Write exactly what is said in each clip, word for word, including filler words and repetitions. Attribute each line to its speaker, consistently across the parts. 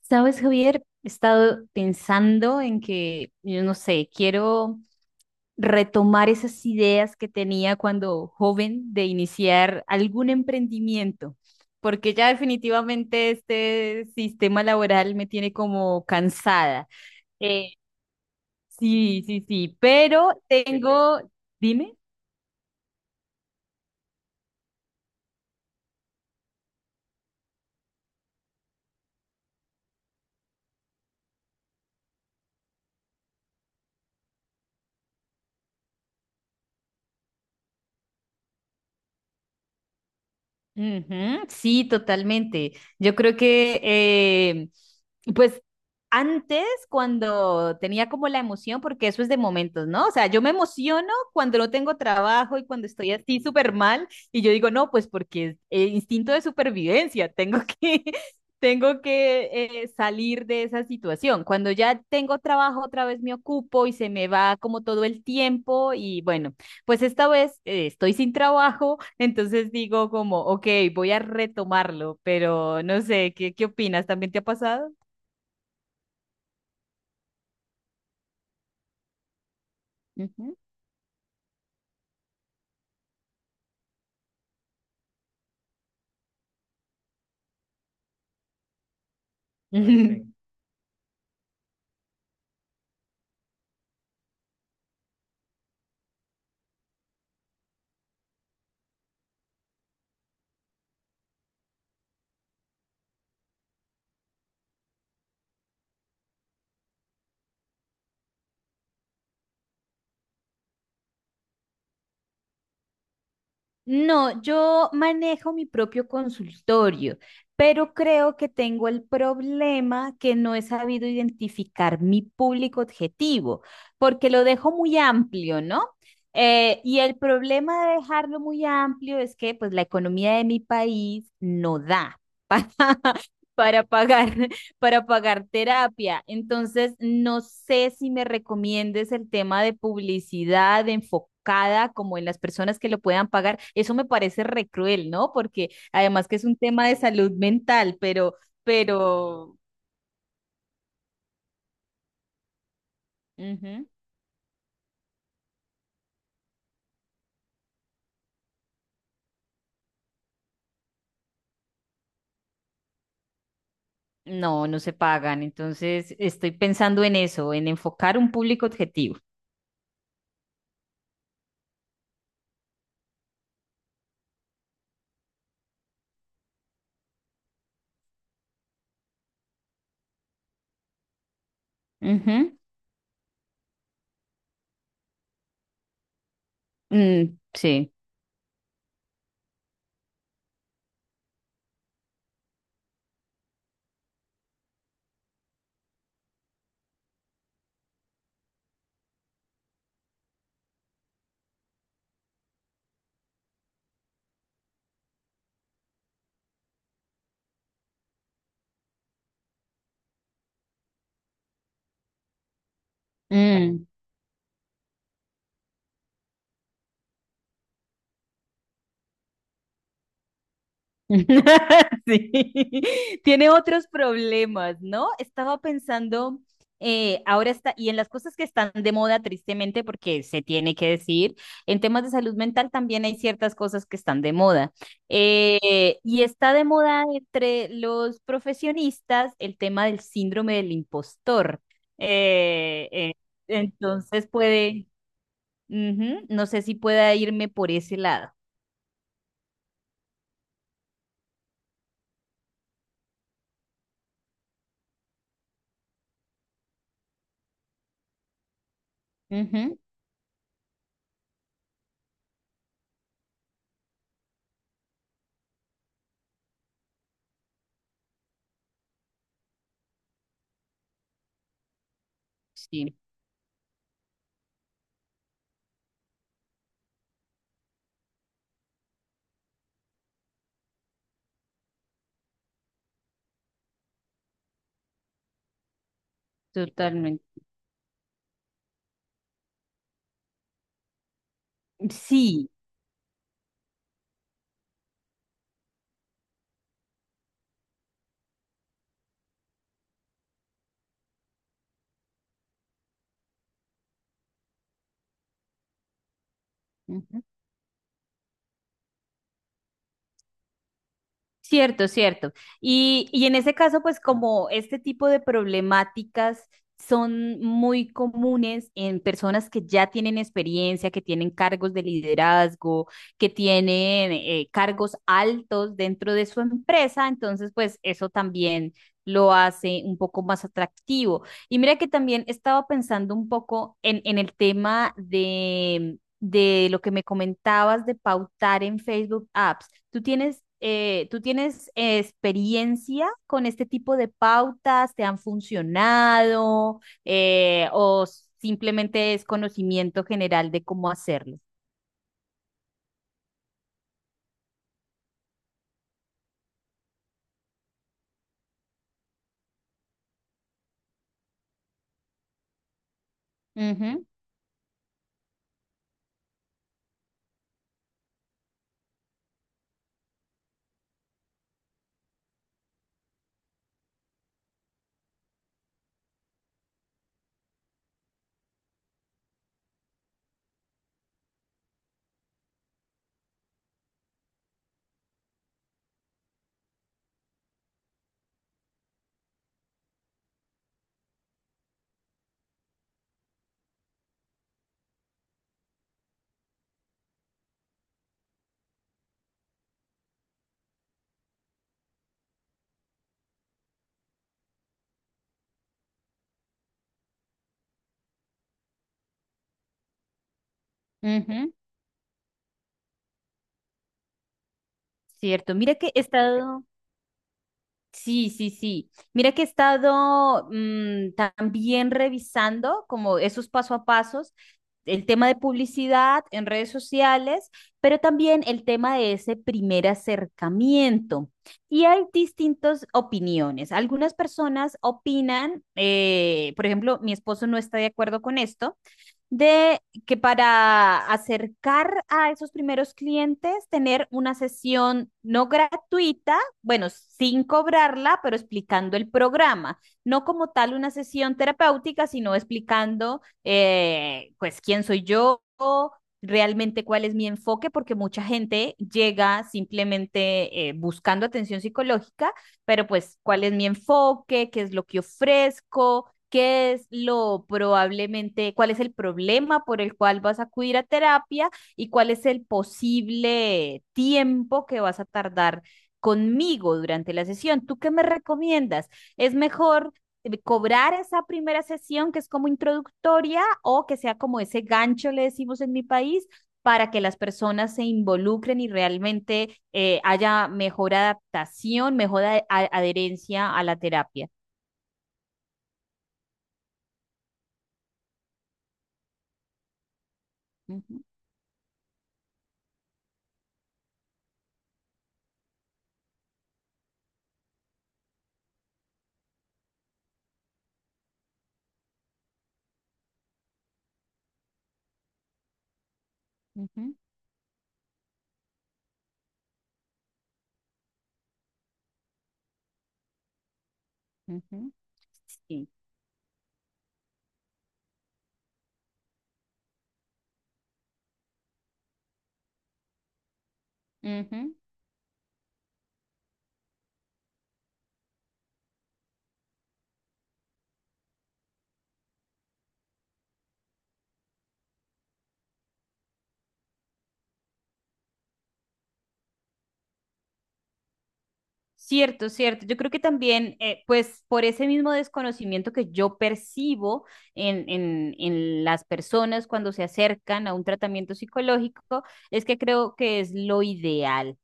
Speaker 1: Sabes, Javier, he estado pensando en que, yo no sé, quiero retomar esas ideas que tenía cuando joven de iniciar algún emprendimiento, porque ya definitivamente este sistema laboral me tiene como cansada. Eh, sí, sí, sí, pero tengo, dime. Ujú. Sí, totalmente. Yo creo que, eh, pues, antes cuando tenía como la emoción, porque eso es de momentos, ¿no? O sea, yo me emociono cuando no tengo trabajo y cuando estoy así súper mal y yo digo, no, pues porque eh, instinto de supervivencia, tengo que, tengo que eh, salir de esa situación. Cuando ya tengo trabajo, otra vez me ocupo y se me va como todo el tiempo y bueno, pues esta vez eh, estoy sin trabajo, entonces digo como, ok, voy a retomarlo, pero no sé, ¿qué, qué opinas? ¿También te ha pasado? Ay. No, yo manejo mi propio consultorio, pero creo que tengo el problema que no he sabido identificar mi público objetivo, porque lo dejo muy amplio, ¿no? Eh, y el problema de dejarlo muy amplio es que pues la economía de mi país no da para, para pagar para pagar terapia. Entonces, no sé si me recomiendes el tema de publicidad enfocada como en las personas que lo puedan pagar. Eso me parece re cruel, ¿no? Porque además que es un tema de salud mental, pero, pero, ujú, no, no se pagan. Entonces, estoy pensando en eso, en enfocar un público objetivo. Ujú. Mm. Sí. Mm. Sí, tiene otros problemas, ¿no? Estaba pensando, eh, ahora está, y en las cosas que están de moda, tristemente, porque se tiene que decir, en temas de salud mental también hay ciertas cosas que están de moda. Eh, y está de moda entre los profesionistas el tema del síndrome del impostor. Eh, eh, entonces puede, ujú, no sé si pueda irme por ese lado. Ujú, sí, totalmente. Sí. Ujú. Cierto, cierto. Y, y en ese caso, pues como este tipo de problemáticas son muy comunes en personas que ya tienen experiencia, que tienen cargos de liderazgo, que tienen eh, cargos altos dentro de su empresa, entonces pues eso también lo hace un poco más atractivo. Y mira que también estaba pensando un poco en, en el tema de, de lo que me comentabas de pautar en Facebook Ads. ¿Tú tienes, eh, tú tienes eh, experiencia con este tipo de pautas? ¿Te han funcionado? Eh, ¿o simplemente es conocimiento general de cómo hacerlo? Ujú, ujú. Cierto. Mira que he estado. Sí, sí, sí. Mira que he estado mm, también revisando como esos paso a pasos, el tema de publicidad en redes sociales, pero también el tema de ese primer acercamiento. Y hay distintas opiniones. Algunas personas opinan, eh, por ejemplo, mi esposo no está de acuerdo con esto de que para acercar a esos primeros clientes, tener una sesión no gratuita, bueno, sin cobrarla, pero explicando el programa, no como tal una sesión terapéutica, sino explicando, eh, pues, quién soy yo, realmente cuál es mi enfoque, porque mucha gente llega simplemente eh, buscando atención psicológica, pero pues cuál es mi enfoque, qué es lo que ofrezco, qué es lo probablemente, cuál es el problema por el cual vas a acudir a terapia y cuál es el posible tiempo que vas a tardar conmigo durante la sesión. ¿Tú qué me recomiendas? ¿Es mejor eh, cobrar esa primera sesión que es como introductoria o que sea como ese gancho, le decimos en mi país? Para que las personas se involucren y realmente eh, haya mejor adaptación, mejor a- a- adherencia a la terapia. Ujú, ujú. Ujú. Sí. Ujú. Cierto, cierto. Yo creo que también, eh, pues por ese mismo desconocimiento que yo percibo en, en, en las personas cuando se acercan a un tratamiento psicológico, es que creo que es lo ideal.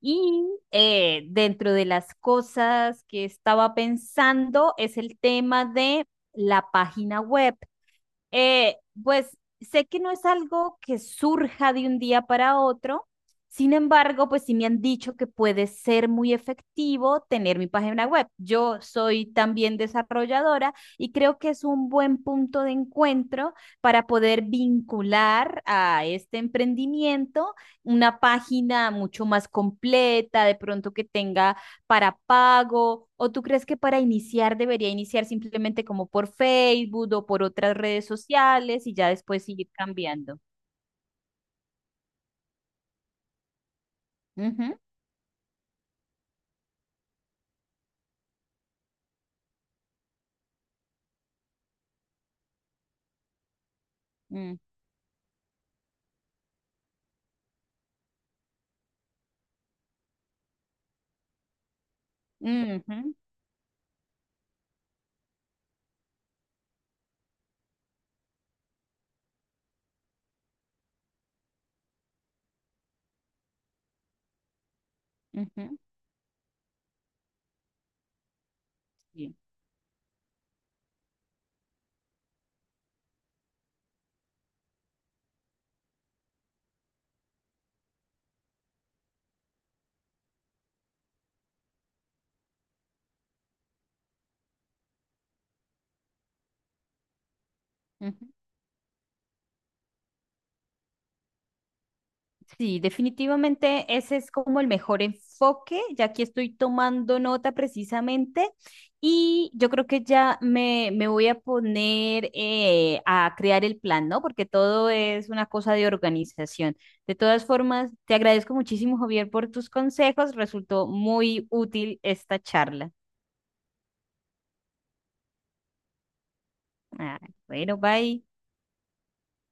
Speaker 1: Y eh, dentro de las cosas que estaba pensando es el tema de la página web. Eh, pues sé que no es algo que surja de un día para otro, sin embargo, pues sí me han dicho que puede ser muy efectivo tener mi página web. Yo soy también desarrolladora y creo que es un buen punto de encuentro para poder vincular a este emprendimiento una página mucho más completa, de pronto que tenga para pago. ¿O tú crees que para iniciar debería iniciar simplemente como por Facebook o por otras redes sociales y ya después seguir cambiando? Ujú, mm, ujú, ujú, sí, ujú. Sí, definitivamente ese es como el mejor enfoque, ya que estoy tomando nota precisamente y yo creo que ya me, me voy a poner eh, a crear el plan, ¿no? Porque todo es una cosa de organización. De todas formas, te agradezco muchísimo, Javier, por tus consejos. Resultó muy útil esta charla. Ah, bueno, bye.